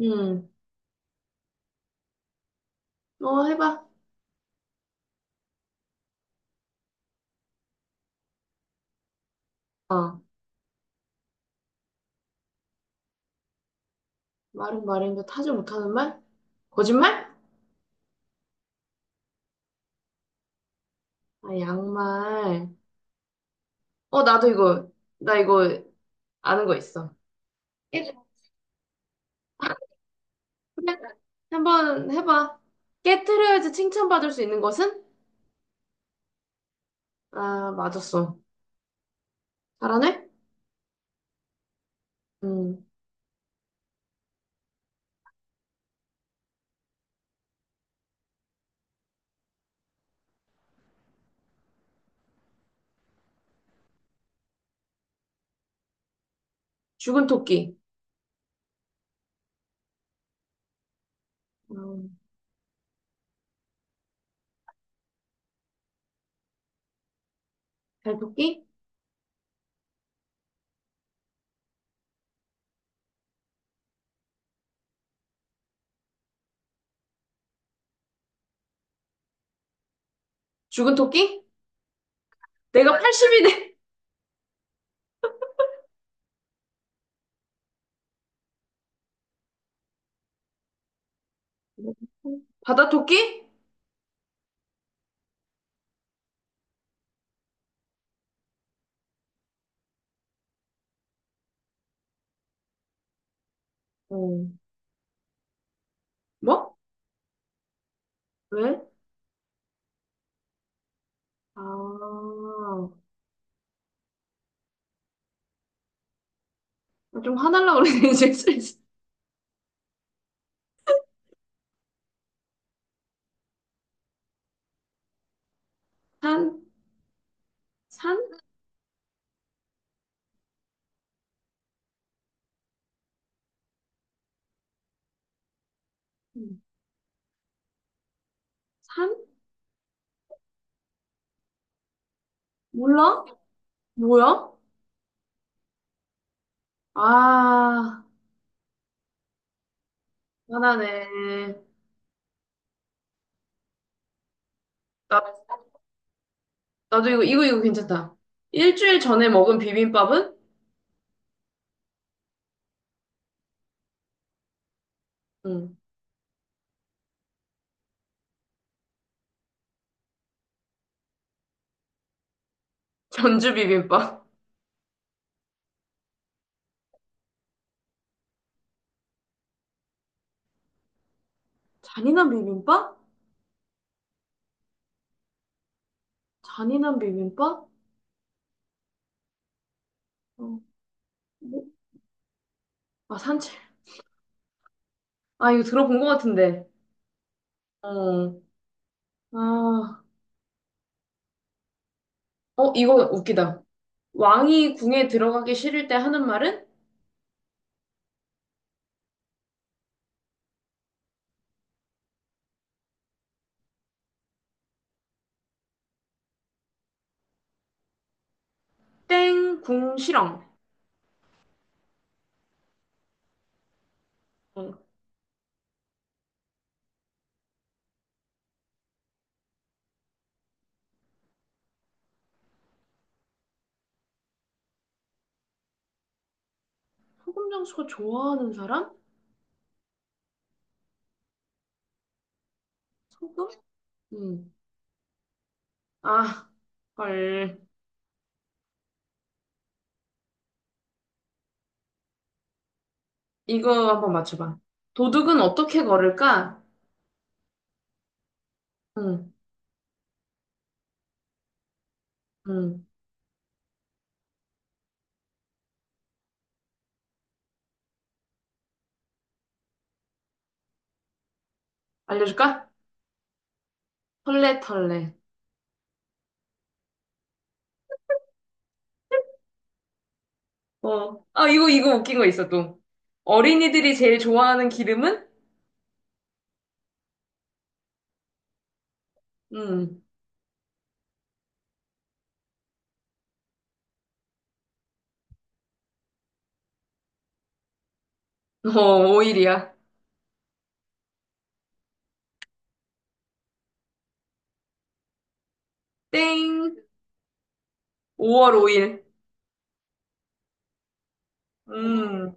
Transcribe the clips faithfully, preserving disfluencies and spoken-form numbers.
음, 어, 해봐. 어, 말은 말인데 타지 못하는 말? 거짓말? 아, 양말. 어, 나도 이거, 나 이거 아는 거 있어. 깨- 그래? 한번 해봐. 깨트려야지 칭찬받을 수 있는 것은? 아, 맞았어. 잘하네? 음, 죽은 토끼. 음, 잘 토끼? 죽은 토끼? 내가 팔십이네. 바다 토끼? 어, 뭐? 왜? 아, 좀 화날라 그러네, 지금. 산? 산? 음. 산? 몰라? 뭐야? 아, 화나네. 나, 나도 이거, 이거, 이거 괜찮다. 일주일 전에 먹은 비빔밥은? 응. 전주 비빔밥. 잔인한 비빔밥? 잔인한 비빔밥? 어, 뭐? 아, 산책. 아, 이거 들어본 것 같은데. 어, 아, 어, 이거 웃기다. 왕이 궁에 들어가기 싫을 때 하는 말은? 땡, 궁, 실엉. 어, 소금 장수가 좋아하는 사람? 소금? 응. 아, 헐. 이거 한번 맞춰봐. 도둑은 어떻게 걸을까? 응, 응. 알려줄까? 털레털레. 어. 아, 이거, 이거 웃긴 거 있어, 또. 어린이들이 제일 좋아하는 기름은? 음. 어, 오일이야. 땡. 오월 오 일. 음.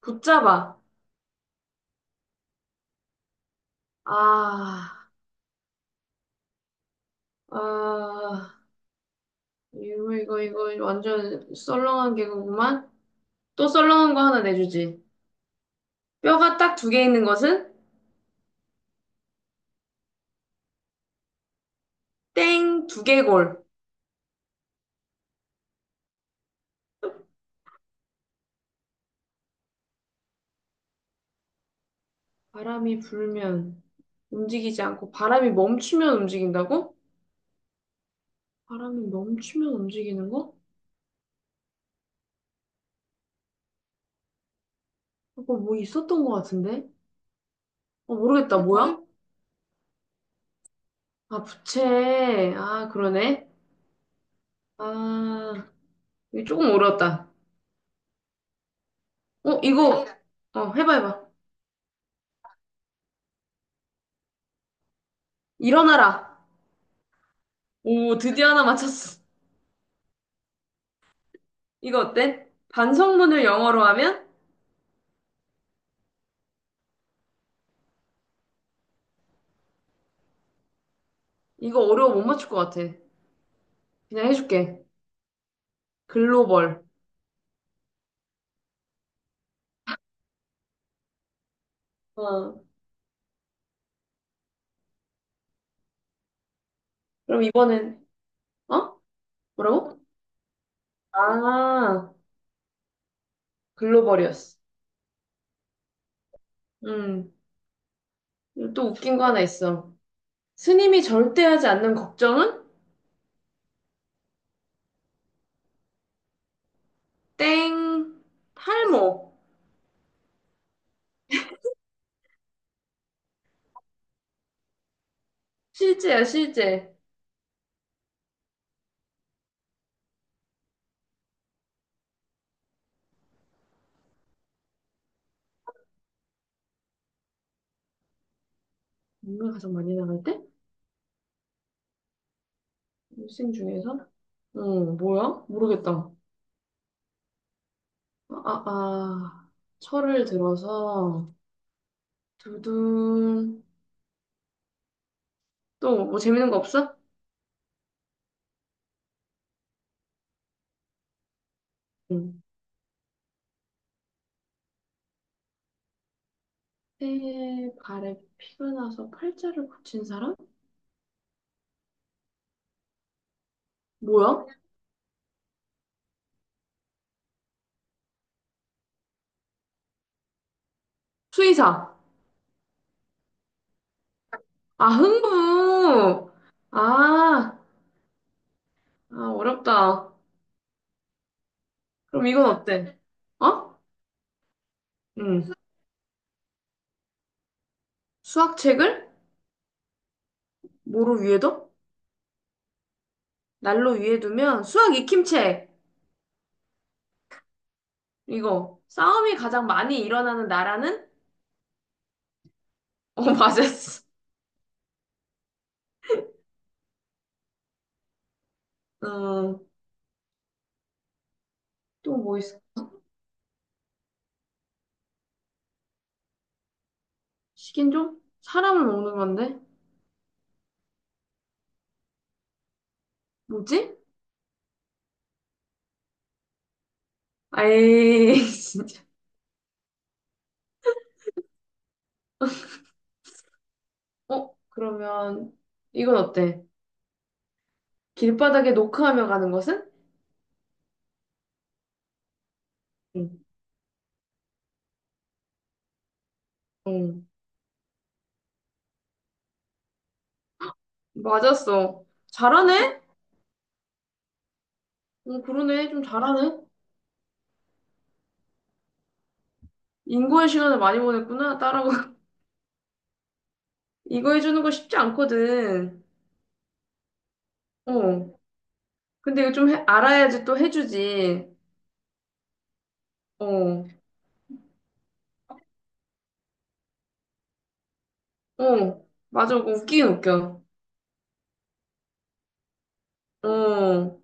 붙잡아. 아, 아. 이거, 이거, 이거 완전 썰렁한 개그구만. 또 썰렁한 거 하나 내주지. 뼈가 딱 두 개 있는 것은? 땡, 두개골. 바람이 불면 움직이지 않고 바람이 멈추면 움직인다고? 바람이 멈추면 움직이는 거? 그거 뭐 있었던 것 같은데? 어, 모르겠다. 아, 그래? 뭐야? 부채? 아, 부채. 아, 그러네. 아, 이거 조금 어려웠다. 어, 이거. 어, 해봐, 해봐. 일어나라. 오, 드디어 하나 맞췄어. 이거 어때? 반성문을 영어로 하면? 이거 어려워 못 맞출 것 같아. 그냥 해줄게. 글로벌. 어, 그럼 이번엔, 어? 뭐라고? 아. 글로벌이었어. 음. 또 웃긴 거 하나 있어. 스님이 절대 하지 않는 걱정은? 땡. 탈모. 실제야, 실제. 뭔가 가장 많이 나갈 때? 일생 중에서? 응, 뭐야? 모르겠다. 아, 아, 아. 철을 들어서, 두둔. 또, 뭐 재밌는 거 없어? 응. 새 발에 피가 나서 팔자를 고친 사람? 뭐야? 수의사. 아, 흥부. 아, 아, 어렵다. 그럼 이건 어때? 어? 응. 수학책을 뭐로 위에 둬? 날로 위에 두면 수학 익힘책. 이거. 싸움이 가장 많이 일어나는 나라는? 어, 맞았어. 음, 또 뭐 있어? 식인종? 사람을 먹는 건데? 뭐지? 아이, 진짜. 어, 그러면 이건 어때? 길바닥에 노크하며 가는 것은? 응. 응. 맞았어. 잘하네? 응, 그러네. 좀 잘하네. 인고의 시간을 많이 보냈구나. 따라가. 이거 해주는 거 쉽지 않거든. 어. 근데 이거 좀 해- 알아야지 또 해주지. 어. 어. 맞아. 그거 웃기긴 웃겨. 어.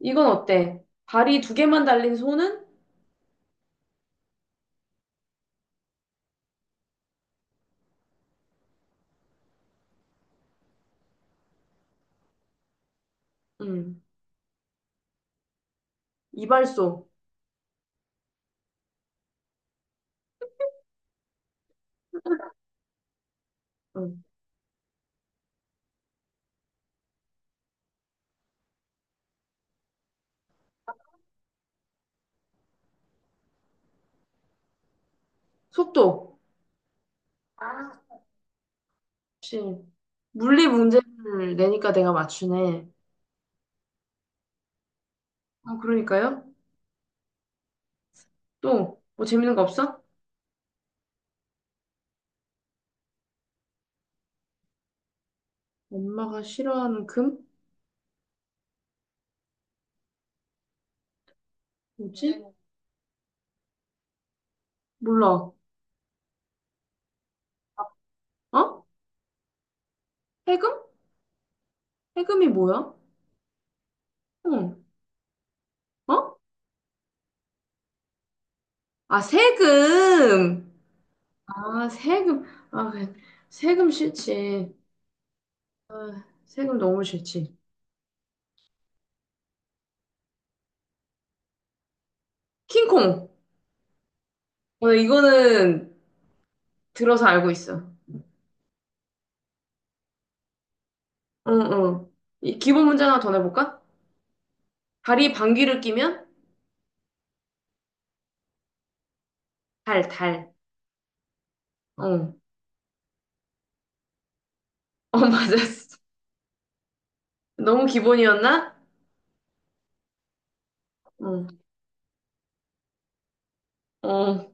이건 어때? 발이 두 개만 달린 손은? 음. 이발소. 음. 속도. 역시. 물리 문제를 내니까 내가 맞추네. 아, 그러니까요? 또, 뭐 재밌는 거 없어? 엄마가 싫어하는 금? 뭐지? 몰라. 어? 해금? 해금이 뭐야? 응. 어? 아, 세금. 아, 세금. 아, 그래. 세금 싫지. 아, 세금 너무 싫지. 킹콩. 어, 이거는 들어서 알고 있어. 어, 어. 이 기본 문제 하나 더 내볼까? 다리 방귀를 끼면 달, 달. 어. 어, 맞았어. 너무 기본이었나? 어. 어.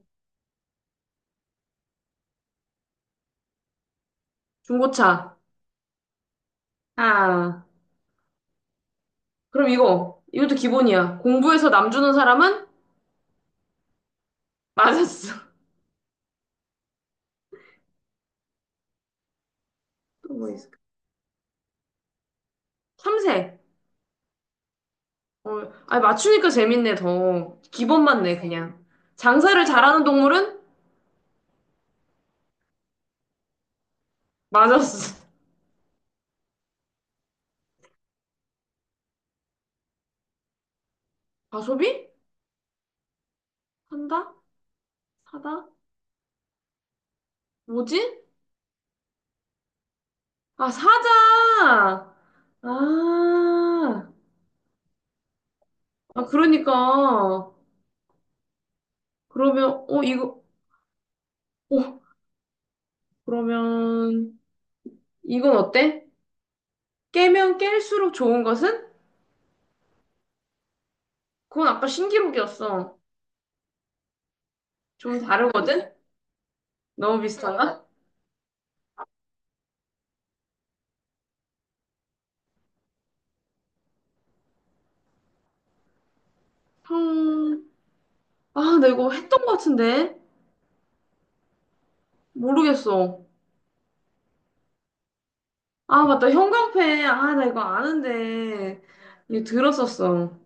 중고차. 아. 그럼 이거. 이것도 기본이야. 공부해서 남 주는 사람은? 맞았어. 또 뭐 있을까? 참새. 어, 아, 맞추니까 재밌네, 더. 기본맞네 그냥 장사를 잘하는 동물은? 맞았어. 과소비? 산다? 사다? 뭐지? 아, 사자! 아, 아, 그러니까. 그러면, 어, 이거, 어, 그러면, 이건 어때? 깨면 깰수록 좋은 것은? 그건 아까 신기록이었어. 좀 다르거든? 너무 응. 비슷하나? 음, 아, 나 이거 했던 것 같은데? 모르겠어. 아, 맞다. 형광펜. 아, 나 이거 아는데. 이거 들었었어.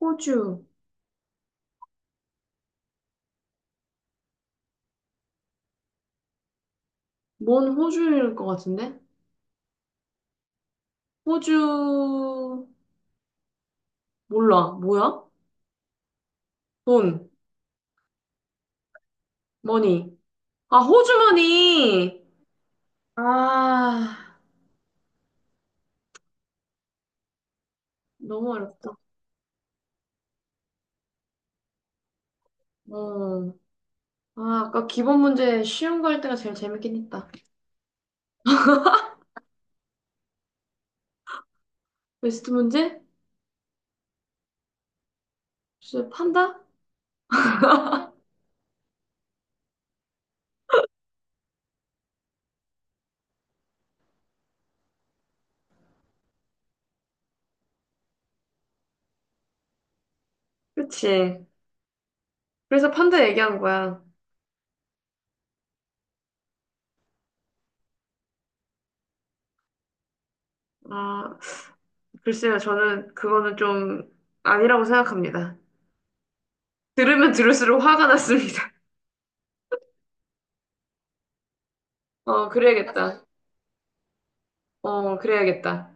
호주. 뭔 호주일 것 같은데? 호주. 몰라. 뭐야? 돈. 머니. 아, 호주머니! 아, 너무 어렵다. 어. 아, 아까 기본 문제 쉬운 거 할 때가 제일 재밌긴 했다. 베스트 문제? 글쎄, 판다? 그치. 그래서 판다 얘기한 거야. 아, 글쎄요. 저는 그거는 좀 아니라고 생각합니다. 들으면 들을수록 화가 났습니다. 어, 그래야겠다. 어, 그래야겠다.